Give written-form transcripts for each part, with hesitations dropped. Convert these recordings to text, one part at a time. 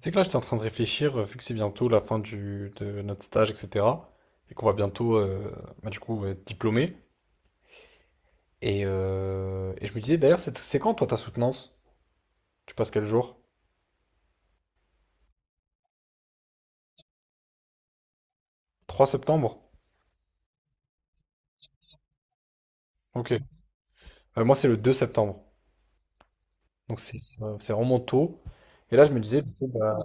C'est que là, j'étais en train de réfléchir, vu que c'est bientôt la fin de notre stage, etc. Et qu'on va bientôt, du coup, être diplômé. Et je me disais, d'ailleurs, c'est quand, toi, ta soutenance? Tu passes quel jour? Trois septembre? Ok. Moi, c'est le deux septembre. Donc, c'est c'est vraiment tôt. Et là, je me disais, du coup, bah,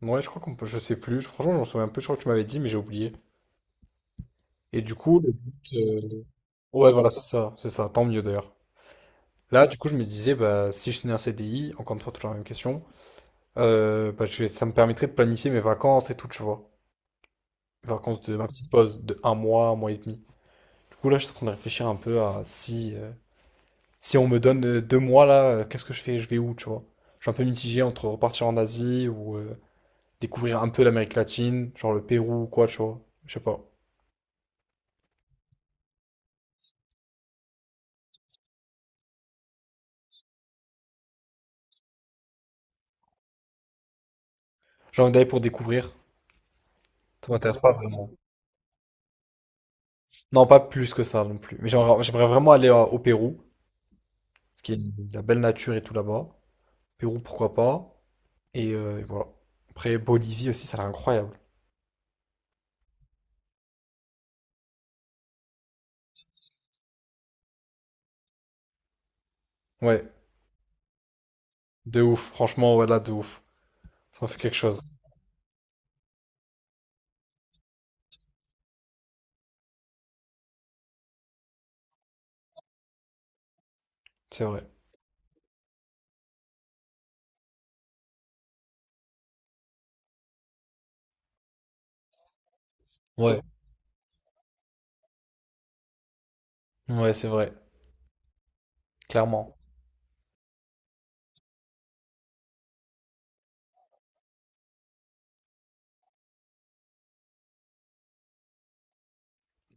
ouais, je crois qu'on peut, je sais plus. Franchement, je m'en souviens un peu. Je crois que tu m'avais dit, mais j'ai oublié. Et du coup, le but, ouais, voilà, c'est ça, c'est ça. Tant mieux, d'ailleurs. Là, du coup, je me disais, bah, si je tenais un CDI, encore une fois, toujours la même question. Ça me permettrait de planifier mes vacances et tout, tu vois. Les vacances de ma petite pause de un mois et demi. Du coup, là, je suis en train de réfléchir un peu à si on me donne 2 mois, là, qu'est-ce que je fais? Je vais où, tu vois? Je suis un peu mitigé entre repartir en Asie ou découvrir un peu l'Amérique latine, genre le Pérou ou quoi, tu vois. Je sais pas. J'ai envie d'aller pour découvrir. Ça m'intéresse pas vraiment. Non, pas plus que ça non plus. Mais j'aimerais vraiment aller au Pérou, parce qu'il y a de la belle nature et tout là-bas. Pérou, pourquoi pas. Et voilà. Après, Bolivie aussi, ça a l'air incroyable. Ouais, de ouf. Franchement, ouais, là, de ouf. Ça m'a fait quelque chose. C'est vrai. Ouais, ouais, c'est vrai. Clairement.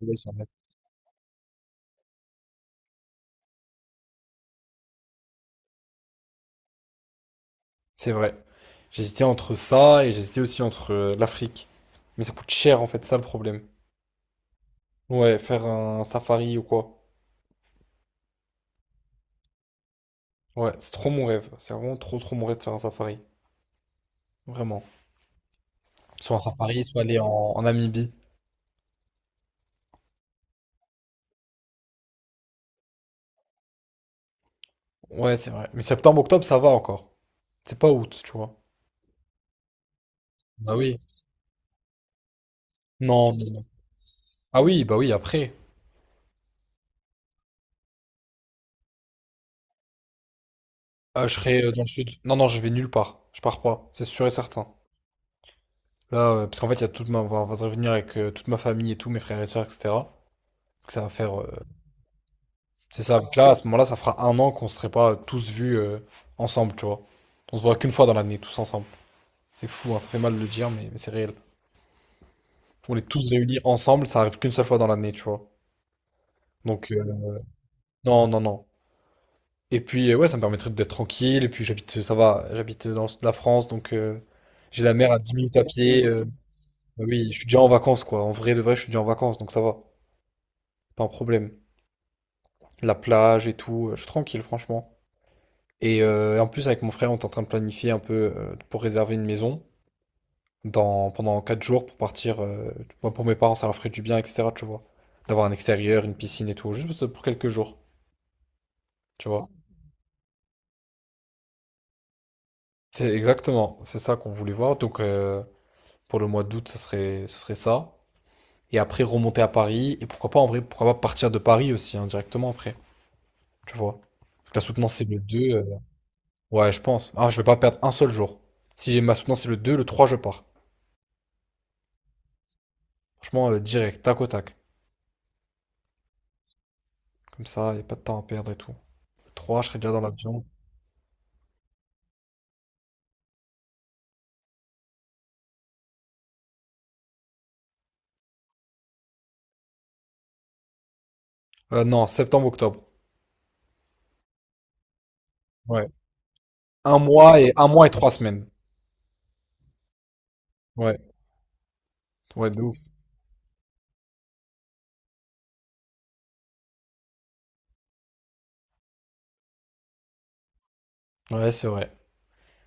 Ouais, c'est vrai. C'est vrai. J'hésitais entre ça et j'hésitais aussi entre l'Afrique. Mais ça coûte cher en fait, ça le problème. Ouais, faire un safari ou quoi. Ouais, c'est trop mon rêve. C'est vraiment trop trop mon rêve de faire un safari. Vraiment. Soit un safari, soit aller en Namibie. Ouais, c'est vrai. Mais septembre-octobre, ça va encore. C'est pas août, tu vois. Bah oui. Non, mais non. Ah oui, bah oui, après. Ah, je serai dans le sud. Non, non, je vais nulle part. Je pars pas, c'est sûr et certain. Parce qu'en fait, il y a toute ma... enfin, on va se revenir avec toute ma famille et tout, mes frères et sœurs, etc. Donc ça va faire... C'est ça. Donc là, à ce moment-là, ça fera 1 an qu'on serait pas tous vus ensemble, tu vois. On se voit qu'une fois dans l'année, tous ensemble. C'est fou, hein, ça fait mal de le dire, mais c'est réel. On est tous réunis ensemble, ça arrive qu'une seule fois dans l'année, tu vois. Donc, non, non, non. Et puis, ouais, ça me permettrait d'être tranquille. Et puis, j'habite, ça va, j'habite dans le sud de la France, donc j'ai la mer à 10 minutes à pied. Bah oui, je suis déjà en vacances, quoi. En vrai de vrai, je suis déjà en vacances, donc ça va. Pas un problème. La plage et tout, je suis tranquille, franchement. Et en plus, avec mon frère, on est en train de planifier un peu pour réserver une maison pendant 4 jours pour partir. Moi, pour mes parents, ça leur ferait du bien, etc. Tu vois. D'avoir un extérieur, une piscine et tout, juste pour quelques jours. Tu vois. C'est exactement, c'est ça qu'on voulait voir. Donc, pour le mois d'août, ce serait ça. Et après, remonter à Paris. Et pourquoi pas, en vrai, pourquoi pas partir de Paris aussi, hein, directement après. Tu vois. La soutenance, c'est le 2. Ouais, je pense. Ah, je vais pas perdre un seul jour. Si j'ai ma soutenance, c'est le 2, le 3, je pars. Franchement, direct, tac au tac. Comme ça, y a pas de temps à perdre et tout. Le 3, je serai déjà dans l'avion. Non, septembre, octobre. Ouais. Un mois et trois semaines. Ouais. Ouais, de ouf. Ouais, c'est vrai.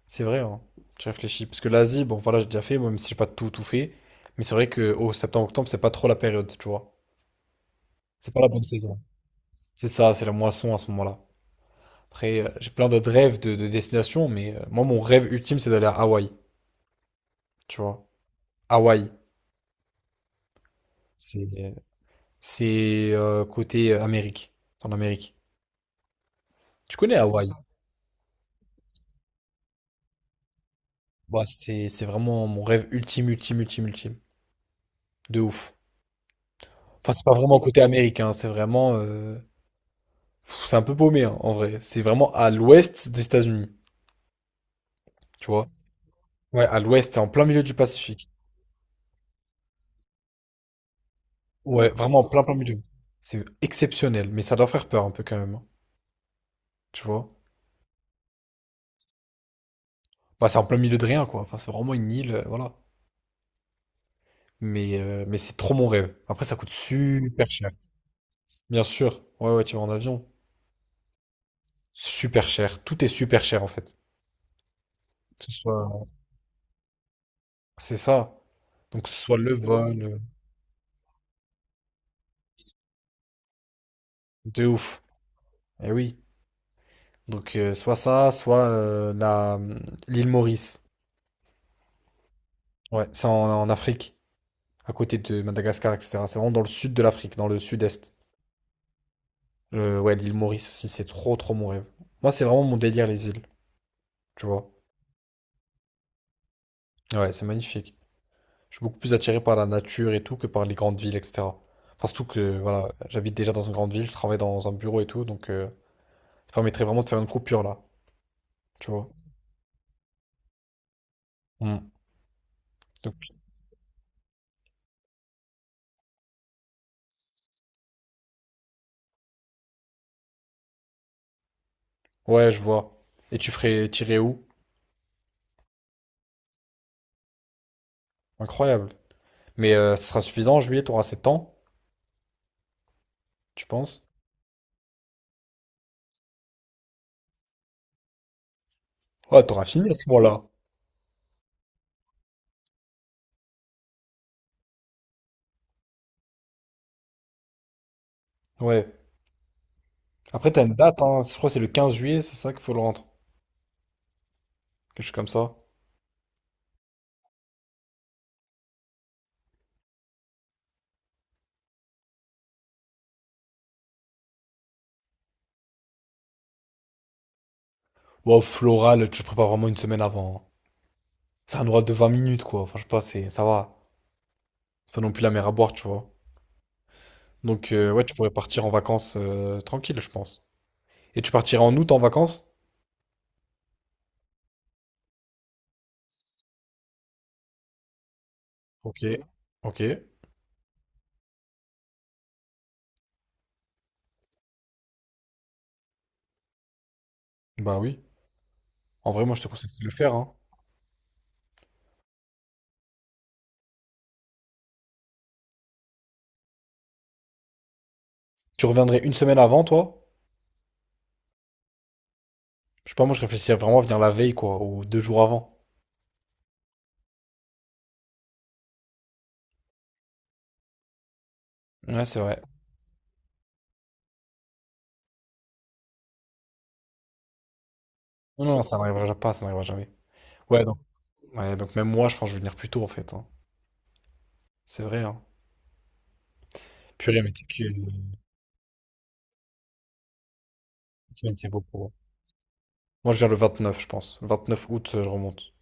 C'est vrai, hein. J'ai réfléchi. Parce que l'Asie, bon, voilà, j'ai déjà fait, même si j'ai pas tout, tout fait. Mais c'est vrai que au septembre, octobre, c'est pas trop la période, tu vois. C'est pas la bonne saison. C'est ça, c'est la moisson à ce moment-là. Après, j'ai plein d'autres rêves de destinations, mais moi, mon rêve ultime, c'est d'aller à Hawaï, tu vois. Hawaï. C'est c'est côté Amérique, en Amérique. Tu connais Hawaï? Bah, c'est vraiment mon rêve ultime, ultime, ultime, ultime. De ouf. Enfin, c'est pas vraiment côté américain, c'est vraiment. C'est un peu paumé, hein, en vrai. C'est vraiment à l'ouest des États-Unis, tu vois. Ouais, à l'ouest, c'est en plein milieu du Pacifique. Ouais, vraiment en plein, plein milieu. C'est exceptionnel, mais ça doit faire peur un peu quand même, hein, tu vois. Bah, c'est en plein milieu de rien, quoi. Enfin, c'est vraiment une île, voilà. Mais c'est trop mon rêve. Après, ça coûte super cher. Bien sûr, ouais, ouais, tu vas en avion. Super cher, tout est super cher en fait. Que ce soit... C'est ça. Donc, que ce soit le vol, de ouf. Eh oui. Donc, soit ça, soit l'île Maurice. Ouais, c'est en Afrique, à côté de Madagascar, etc. C'est vraiment dans le sud de l'Afrique, dans le sud-est. Ouais, l'île Maurice aussi, c'est trop, trop mon rêve. Moi, c'est vraiment mon délire, les îles, tu vois. Ouais, c'est magnifique. Je suis beaucoup plus attiré par la nature et tout que par les grandes villes, etc. Enfin, surtout que voilà, j'habite déjà dans une grande ville, je travaille dans un bureau et tout, donc ça permettrait vraiment de faire une coupure là, tu vois. Mm. Donc, ouais, je vois. Et tu ferais tirer où? Incroyable. Mais ce sera suffisant en juillet, t'auras 7 ans, tu penses? Ouais, t'auras fini à ce moment-là. Ouais. Après, t'as une date, hein. Je crois que c'est le 15 juillet, c'est ça qu'il faut le rendre. Quelque chose comme ça. Wow, floral, tu le prépares vraiment une semaine avant. Hein. C'est un oral de 20 minutes, quoi. Enfin, je sais pas, c'est, ça va. C'est pas non plus la mer à boire, tu vois. Donc, ouais, tu pourrais partir en vacances tranquille, je pense. Et tu partirais en août en vacances? Ok. Ok. Bah oui. En vrai, moi, je te conseille de le faire, hein. Tu reviendrais une semaine avant, toi? Je sais pas, moi, je réfléchissais vraiment à venir la veille, quoi, ou deux jours avant. Ouais, c'est vrai. Non, non, ça n'arrivera pas, ça n'arrivera jamais. Ouais, donc, ouais, donc même moi, je pense que je vais venir plus tôt, en fait. Hein. C'est vrai, hein. Purée, mais t'es que une semaine, c'est beaucoup. Hein. Moi, je viens le 29, je pense. 29 août, je remonte.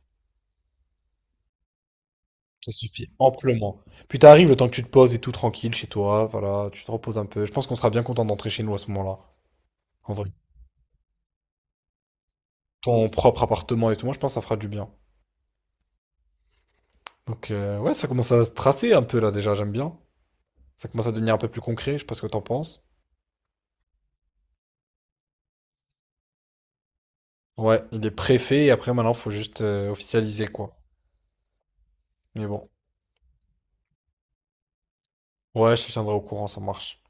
Ça suffit amplement. Puis t'arrives le temps que tu te poses et tout tranquille chez toi, voilà, tu te reposes un peu. Je pense qu'on sera bien content d'entrer chez nous à ce moment-là, en vrai. Ton propre appartement et tout, moi je pense que ça fera du bien. Donc ouais, ça commence à se tracer un peu là déjà, j'aime bien. Ça commence à devenir un peu plus concret, je sais pas ce que t'en penses. Ouais, il est préfet et après maintenant faut juste officialiser quoi. Mais bon, ouais, je te tiendrai au courant, ça marche.